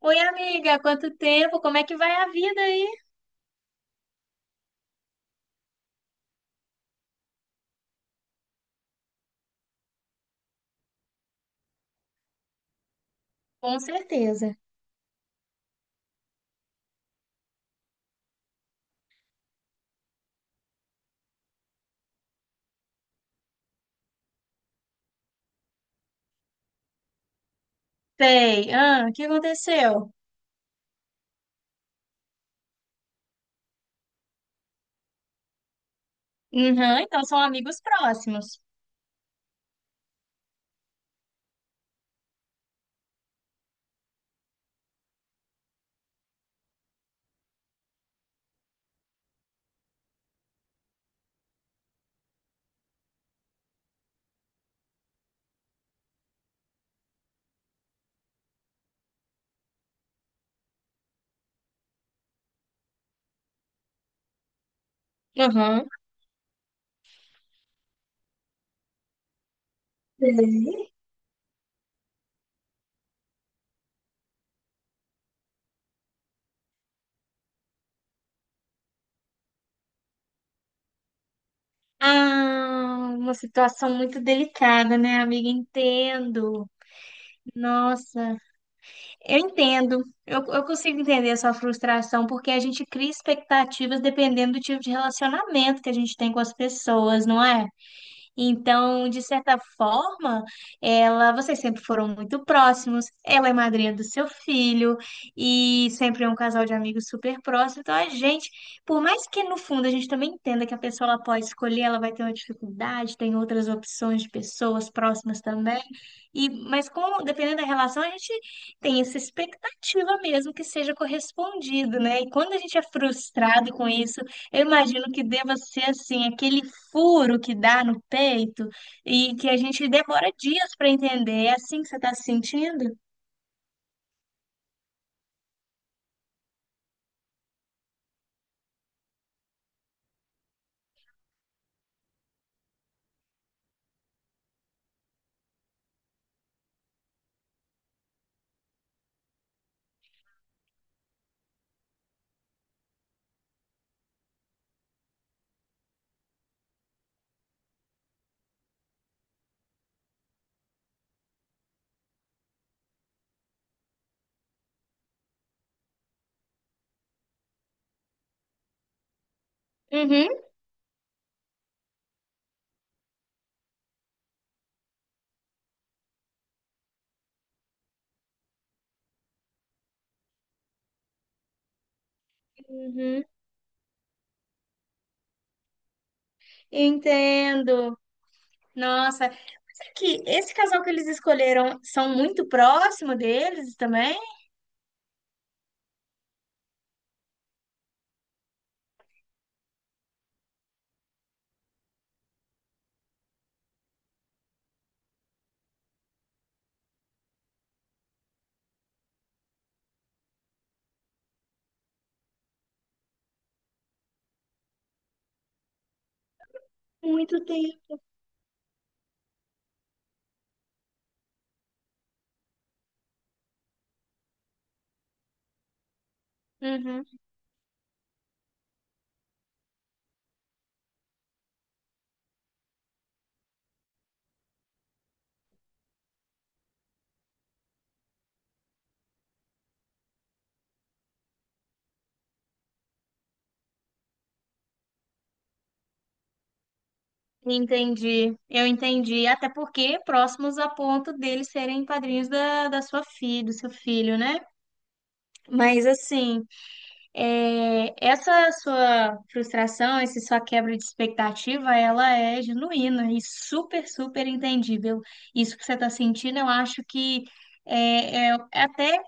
Oi, amiga, quanto tempo? Como é que vai a vida aí? Com certeza. Sei. Ah, o que aconteceu? Uhum, então são amigos próximos. Uhum. Sei. Ah, uma situação muito delicada, né, amiga? Entendo. Nossa, eu entendo. Eu consigo entender a sua frustração, porque a gente cria expectativas dependendo do tipo de relacionamento que a gente tem com as pessoas, não é? Então, de certa forma, ela, vocês sempre foram muito próximos. Ela é madrinha do seu filho e sempre é um casal de amigos super próximo. Então, a gente, por mais que no fundo a gente também entenda que a pessoa ela pode escolher, ela vai ter uma dificuldade, tem outras opções de pessoas próximas também. E, mas com, dependendo da relação, a gente tem essa expectativa mesmo que seja correspondido, né? E quando a gente é frustrado com isso, eu imagino que deva ser assim, aquele furo que dá no peito e que a gente demora dias para entender. É assim que você está se sentindo? Uhum, uhum, entendo. Nossa, que esse casal que eles escolheram são muito próximo deles também? Muito tempo. Uhum, entendi, eu entendi. Até porque próximos a ponto deles serem padrinhos da, da sua filha, do seu filho, né? Mas assim. É, essa sua frustração, essa sua quebra de expectativa, ela é genuína e super, super entendível. Isso que você está sentindo, eu acho que é até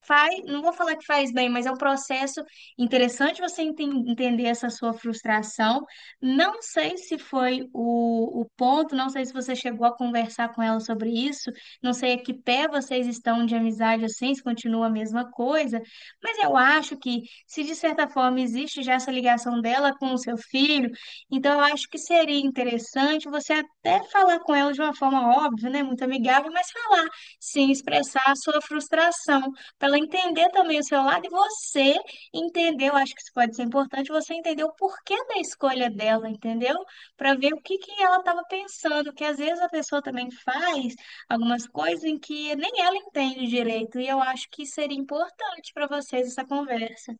faz, não vou falar que faz bem, mas é um processo interessante você entender essa sua frustração. Não sei se foi o ponto, não sei se você chegou a conversar com ela sobre isso, não sei a que pé vocês estão de amizade assim, se continua a mesma coisa, mas eu acho que, se de certa forma existe já essa ligação dela com o seu filho, então eu acho que seria interessante você até falar com ela de uma forma óbvia, né, muito amigável, mas falar, sim, expressar a sua frustração. Para ela entender também o seu lado e você entender, eu acho que isso pode ser importante, você entender o porquê da escolha dela, entendeu? Para ver o que que ela estava pensando, que às vezes a pessoa também faz algumas coisas em que nem ela entende direito, e eu acho que seria importante para vocês essa conversa.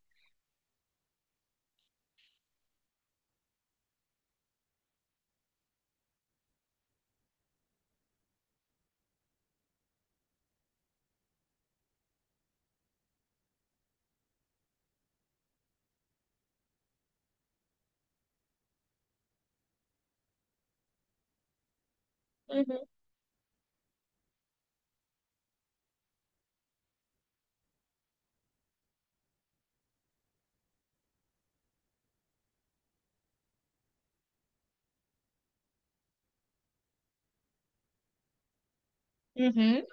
Uhum.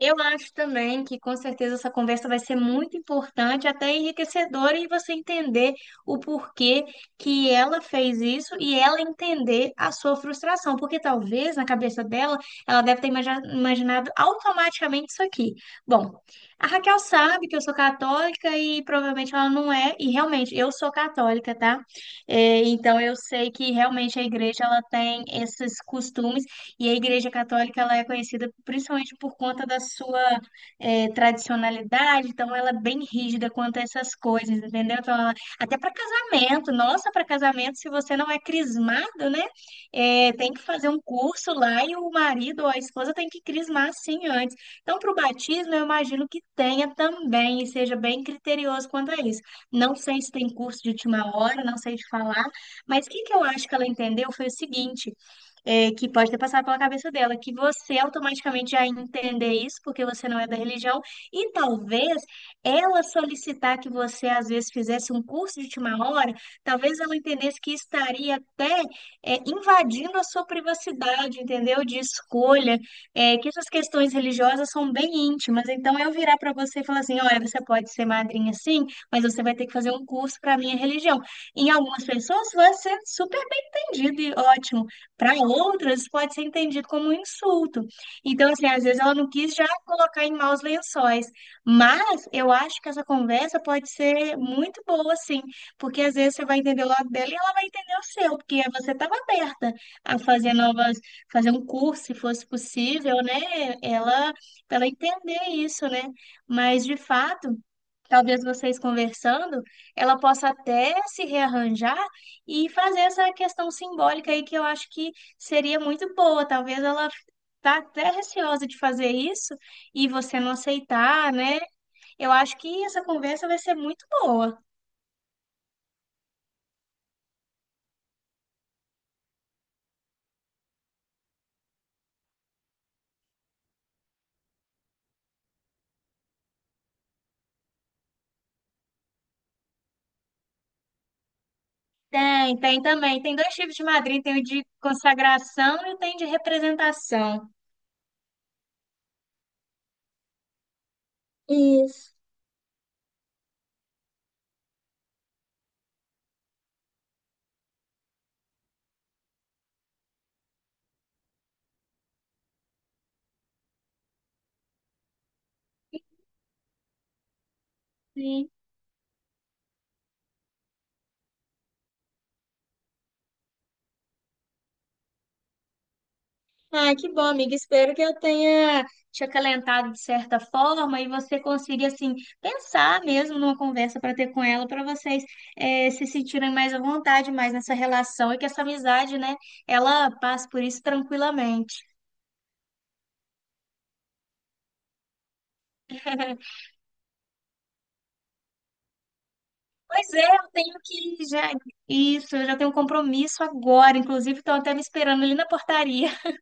Eu acho também que com certeza essa conversa vai ser muito importante, até enriquecedora, e você entender o porquê que ela fez isso e ela entender a sua frustração, porque talvez na cabeça dela ela deve ter imaginado automaticamente isso aqui. Bom, a Raquel sabe que eu sou católica e provavelmente ela não é, e realmente eu sou católica, tá? É, então eu sei que realmente a igreja ela tem esses costumes. E a Igreja Católica ela é conhecida principalmente por conta da sua tradicionalidade, então ela é bem rígida quanto a essas coisas, entendeu? Então, ela- até para casamento, nossa, para casamento, se você não é crismado, né? Tem que fazer um curso lá e o marido ou a esposa tem que crismar sim antes. Então, para o batismo, eu imagino que tenha também e seja bem criterioso quanto a isso. Não sei se tem curso de última hora, não sei te falar, mas o que que eu acho que ela entendeu foi o seguinte é, que pode ter passado pela cabeça dela, que você automaticamente já entender isso, porque você não é da religião, e talvez ela solicitar que você, às vezes, fizesse um curso de última hora, talvez ela entendesse que estaria até é, invadindo a sua privacidade, entendeu? De escolha, é, que essas questões religiosas são bem íntimas. Então, eu virar para você e falar assim: olha, você pode ser madrinha sim, mas você vai ter que fazer um curso para a minha religião. Em algumas pessoas vai ser super bem entendido e ótimo. Para outras, isso pode ser entendido como um insulto. Então, assim, às vezes ela não quis já colocar em maus lençóis. Mas eu acho que essa conversa pode ser muito boa, assim, porque às vezes você vai entender o lado dela e ela vai entender o seu, porque você estava aberta a fazer novas, fazer um curso, se fosse possível, né? Ela, para ela entender isso, né? Mas de fato. Talvez vocês conversando, ela possa até se rearranjar e fazer essa questão simbólica aí que eu acho que seria muito boa. Talvez ela tá até receosa de fazer isso e você não aceitar, né? Eu acho que essa conversa vai ser muito boa. Tem, tem também. Tem dois tipos de madrinha, tem o de consagração e tem o de representação. Isso. Sim. Ah, que bom, amiga. Espero que eu tenha te acalentado de certa forma e você consiga, assim, pensar mesmo numa conversa para ter com ela, para vocês se sentirem mais à vontade, mais nessa relação e que essa amizade, né, ela passe por isso tranquilamente. Pois é, eu tenho que já. Isso, eu já tenho um compromisso agora. Inclusive, estão até me esperando ali na portaria.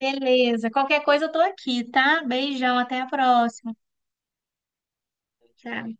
Beleza, qualquer coisa eu tô aqui, tá? Beijão, até a próxima. Tchau.